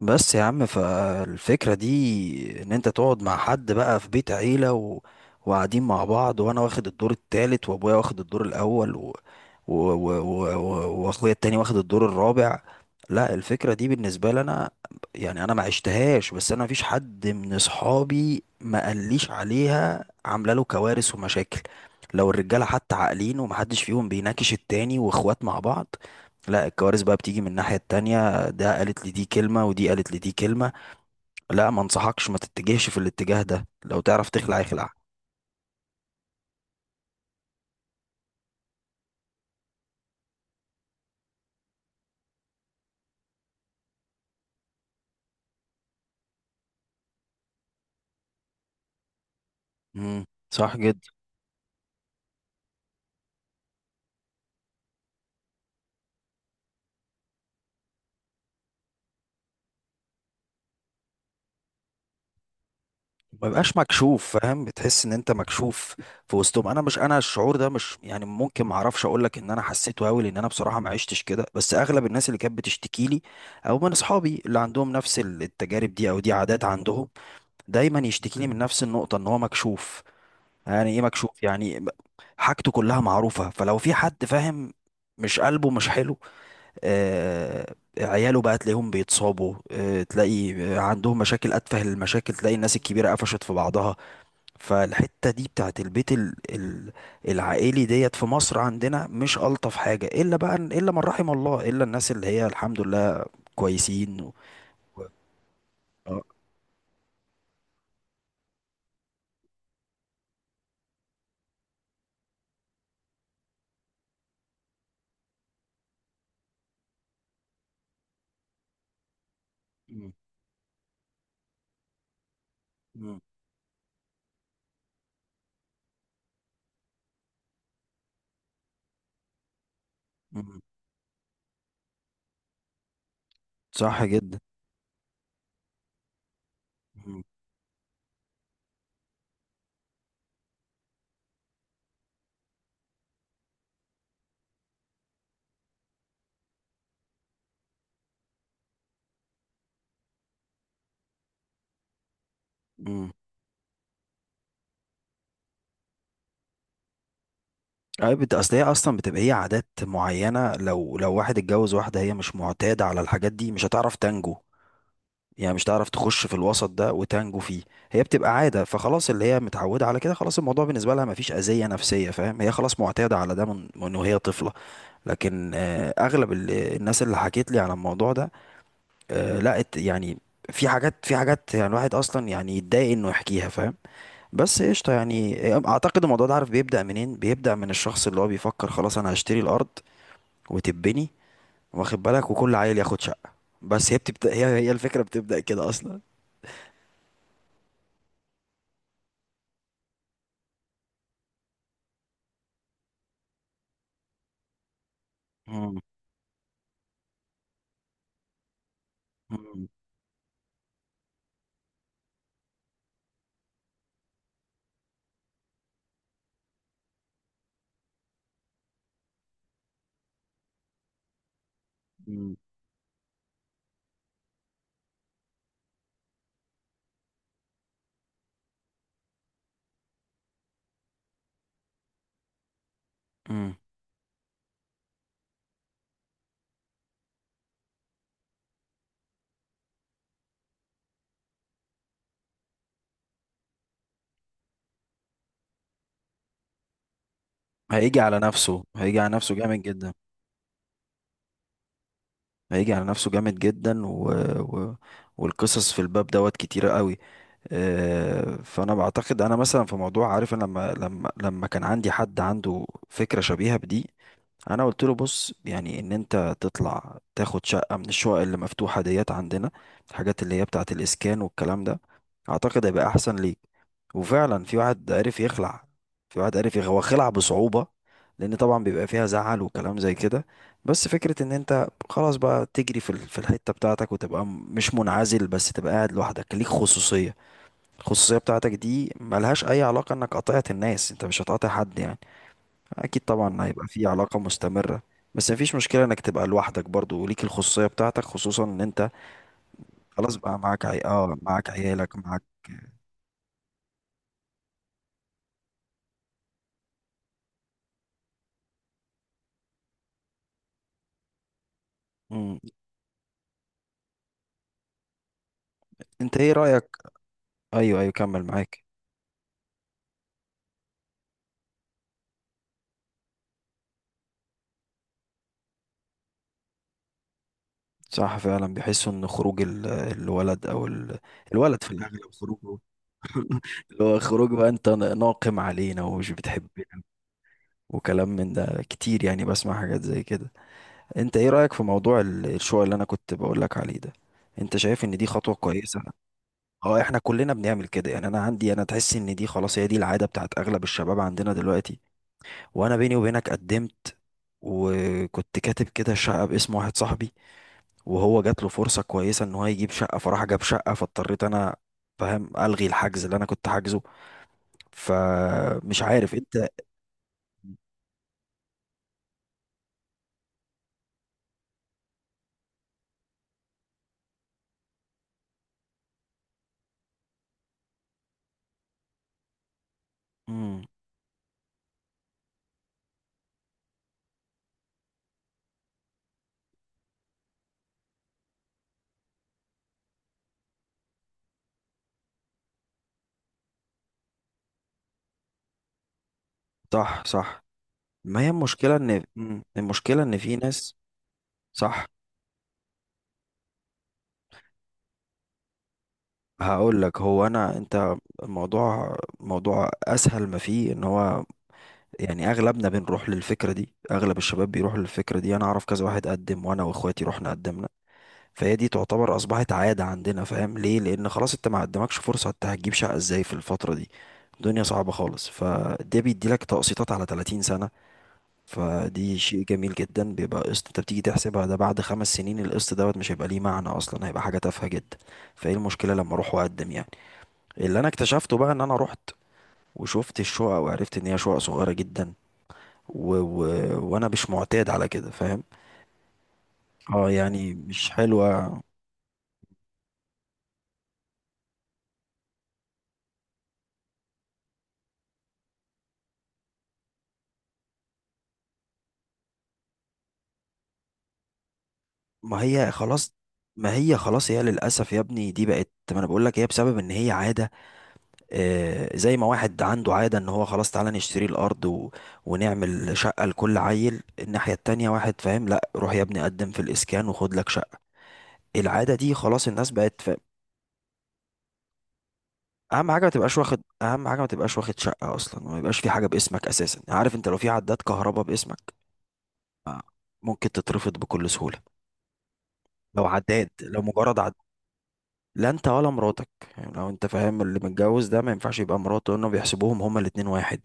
بس يا عم، فالفكرة دي ان انت تقعد مع حد بقى في بيت عيلة وقاعدين مع بعض، وانا واخد الدور التالت، وابويا واخد الدور الاول واخويا التاني واخد الدور الرابع. لا، الفكرة دي بالنسبة لي انا، يعني انا ما عشتهاش، بس انا مفيش حد من اصحابي ما قاليش عليها عاملة له كوارث ومشاكل. لو الرجالة حتى عاقلين ومحدش فيهم بيناكش التاني، واخوات مع بعض، لا الكوارث بقى بتيجي من الناحية التانية. ده قالت لي دي كلمة، ودي قالت لي دي كلمة. لا، ما انصحكش، ما تتجهش في الاتجاه ده، لو تعرف تخلع اخلع. امم صح جدا. ما يبقاش مكشوف، فاهم؟ بتحس ان انت مكشوف في وسطهم. انا مش، انا الشعور ده مش يعني ممكن ما اعرفش اقول لك ان انا حسيته قوي لان انا بصراحه ما عشتش كده، بس اغلب الناس اللي كانت بتشتكي لي او من اصحابي اللي عندهم نفس التجارب دي، او دي عادات عندهم، دايما يشتكي لي من نفس النقطه، ان هو مكشوف. يعني ايه مكشوف يعني؟ حاجته كلها معروفه، فلو في حد فاهم مش قلبه مش حلو، عياله بقى تلاقيهم بيتصابوا، تلاقي عندهم مشاكل، أتفه المشاكل تلاقي الناس الكبيرة قفشت في بعضها. فالحتة دي بتاعت البيت العائلي ديت في مصر عندنا مش ألطف حاجة، إلا بقى، إلا من رحم الله، إلا الناس اللي هي الحمد لله كويسين و... اه. مم. مم. مم. صح جدا. مم. مم. أي أصل هي أصلا بتبقى هي عادات معينة، لو لو واحد اتجوز واحدة هي مش معتادة على الحاجات دي مش هتعرف تنجو، يعني مش تعرف تخش في الوسط ده وتنجو فيه. هي بتبقى عادة، فخلاص اللي هي متعودة على كده، خلاص الموضوع بالنسبة لها مفيش أذية نفسية، فاهم؟ هي خلاص معتادة على ده من وهي طفلة. لكن أغلب الناس اللي حكيت لي على الموضوع ده لقت، يعني في حاجات، يعني الواحد أصلا يعني يتضايق إنه يحكيها، فاهم؟ بس قشطة. يعني أعتقد الموضوع ده، عارف بيبدأ منين؟ بيبدأ من الشخص اللي هو بيفكر خلاص أنا هشتري الأرض وتبني، واخد بالك؟ وكل عيل ياخد شقة. بس هي بتبدأ، هي الفكرة بتبدأ كده أصلا. مم. مم. مم. هيجي على نفسه، هيجي على نفسه جامد جدا. هيجي على نفسه جامد جدا و... والقصص في الباب دوت كتيرة قوي. فانا بعتقد انا مثلا في موضوع، عارف انا لما كان عندي حد عنده فكرة شبيهة بدي، انا قلت له بص، يعني ان انت تطلع تاخد شقه من الشقق اللي مفتوحه ديت عندنا، الحاجات اللي هي بتاعه الاسكان والكلام ده، اعتقد هيبقى احسن ليك. وفعلا في واحد عرف يخلع. في واحد عرف يخلع، هو خلع بصعوبة لأن طبعا بيبقى فيها زعل وكلام زي كده. بس فكرة إن أنت خلاص بقى تجري في في الحتة بتاعتك، وتبقى مش منعزل، بس تبقى قاعد لوحدك ليك خصوصية. الخصوصية بتاعتك دي ملهاش أي علاقة إنك قاطعت الناس، أنت مش هتقاطع حد يعني. اكيد طبعا هيبقى في علاقة مستمرة، بس مفيش مشكلة انك تبقى لوحدك برضو وليك الخصوصية بتاعتك، خصوصا ان انت خلاص بقى معاك عي... اه معاك عيالك معاك. مم. انت ايه رأيك؟ ايوه ايوه، كمل معاك. صح، فعلا بيحسوا ان خروج الولد الولد في الاغلب خروجه اللي هو خروج بقى انت ناقم علينا ومش بتحبنا، وكلام من ده كتير، يعني بسمع حاجات زي كده. انت ايه رأيك في موضوع الشقق اللي انا كنت بقولك عليه ده؟ انت شايف ان دي خطوة كويسة؟ اه، احنا كلنا بنعمل كده يعني. انا عندي، انا تحس ان دي خلاص هي دي العاده بتاعت اغلب الشباب عندنا دلوقتي. وانا بيني وبينك قدمت، وكنت كاتب كده شقه باسم واحد صاحبي، وهو جات له فرصه كويسه ان هو يجيب شقه، فراح جاب شقه، فاضطريت انا، فاهم؟ الغي الحجز اللي انا كنت حاجزه. فمش عارف انت. امم صح صح. ما هي المشكله ان المشكله ان في ناس. صح. هقول لك. هو انا انت الموضوع موضوع اسهل ما فيه ان هو، يعني اغلبنا بنروح للفكره دي، اغلب الشباب بيروحوا للفكره دي. انا اعرف كذا واحد قدم، وانا واخواتي رحنا قدمنا. فهي دي تعتبر اصبحت عاده عندنا، فاهم ليه؟ لان خلاص انت ما قدمكش فرصه، انت هتجيب شقه ازاي في الفتره دي؟ الدنيا صعبه خالص. فده بيديلك تقسيطات على 30 سنه، فدي شيء جميل جدا. بيبقى قسط انت بتيجي تحسبها ده بعد 5 سنين القسط دوت مش هيبقى ليه معنى اصلا، هيبقى حاجه تافهه جدا. فايه المشكله لما اروح واقدم يعني؟ اللي انا اكتشفته بقى ان انا رحت وشفت الشقق، وعرفت ان هي شقق صغيره جدا، و... و... وانا مش معتاد على كده، فاهم؟ اه، يعني مش حلوه. ما هي خلاص ما هي خلاص، هي للاسف يا ابني دي بقت، ما انا بقول لك هي بسبب ان هي عاده. آه زي ما واحد عنده عاده ان هو خلاص تعالى نشتري الارض ونعمل شقه لكل عيل، الناحيه التانية واحد فاهم لا، روح يا ابني قدم في الاسكان وخد لك شقه. العاده دي خلاص الناس بقت. اهم حاجه ما تبقاش واخد شقه اصلا، وما يبقاش في حاجه باسمك اساسا. عارف، انت لو في عداد كهرباء باسمك ممكن تترفض بكل سهوله. لو عداد، لو مجرد عداد. لا انت ولا مراتك، يعني لو انت فاهم، اللي متجوز ده ما ينفعش يبقى مراته، لانه بيحسبوهم هما الاتنين واحد،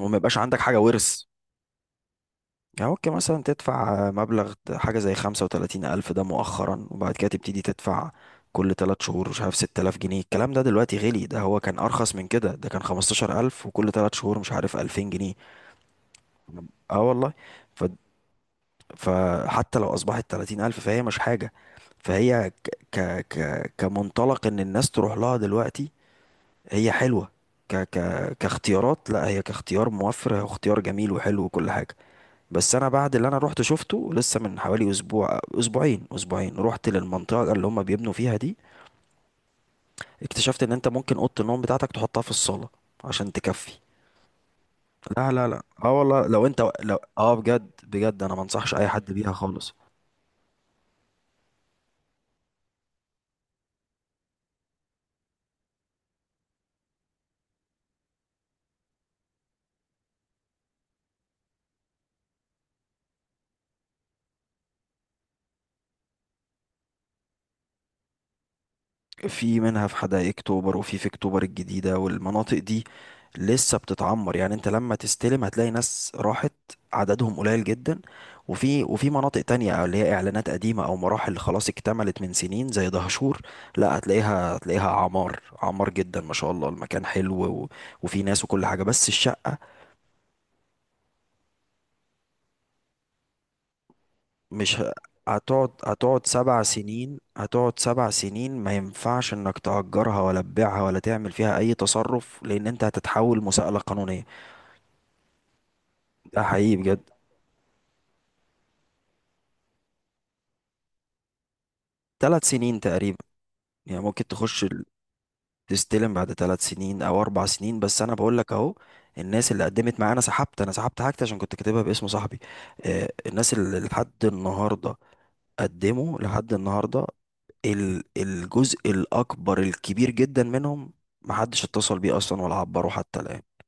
وما يبقاش عندك حاجه ورث. يعني ممكن مثلا تدفع مبلغ حاجه زي 35,000، ده مؤخرا، وبعد كده تبتدي تدفع كل تلات شهور مش عارف 6,000 جنيه. الكلام ده دلوقتي غلي، ده هو كان أرخص من كده، ده كان 15,000 وكل تلات شهور مش عارف 2,000 جنيه. اه والله. ف... فحتى لو اصبحت 30,000 فهي مش حاجة. فهي كمنطلق ان الناس تروح لها دلوقتي هي حلوة. ك... ك... كاختيارات، لا هي كاختيار موفر، هي اختيار جميل وحلو وكل حاجة. بس انا بعد اللي انا رحت شفته لسه من حوالي اسبوعين، رحت للمنطقة اللي هم بيبنوا فيها دي، اكتشفت ان انت ممكن اوضة النوم بتاعتك تحطها في الصالة عشان تكفي. لا لا لا، اه والله لو انت، لو اه، بجد بجد انا ما انصحش اي حد بيها خالص. في منها في حدائق اكتوبر وفي اكتوبر الجديدة، والمناطق دي لسه بتتعمر، يعني انت لما تستلم هتلاقي ناس راحت عددهم قليل جدا. وفي مناطق تانية اللي هي اعلانات قديمة او مراحل خلاص اكتملت من سنين زي دهشور، لا هتلاقيها، هتلاقيها عمار عمار جدا ما شاء الله، المكان حلو و- وفي ناس وكل حاجة، بس الشقة. مش ه- هتقعد 7 سنين. هتقعد سبع سنين، ما ينفعش انك تأجرها ولا تبيعها ولا تعمل فيها اي تصرف لان انت هتتحول مساءلة قانونية. ده حقيقي بجد. 3 سنين تقريبا، يعني ممكن تخش تستلم بعد 3 سنين او 4 سنين. بس انا بقول لك اهو، الناس اللي قدمت معايا انا سحبت. انا سحبت حاجتي عشان كنت كاتبها باسم صاحبي. الناس اللي لحد النهارده قدموا لحد النهارده، الجزء الكبير جدا منهم محدش اتصل بيه اصلا ولا عبره حتى الان.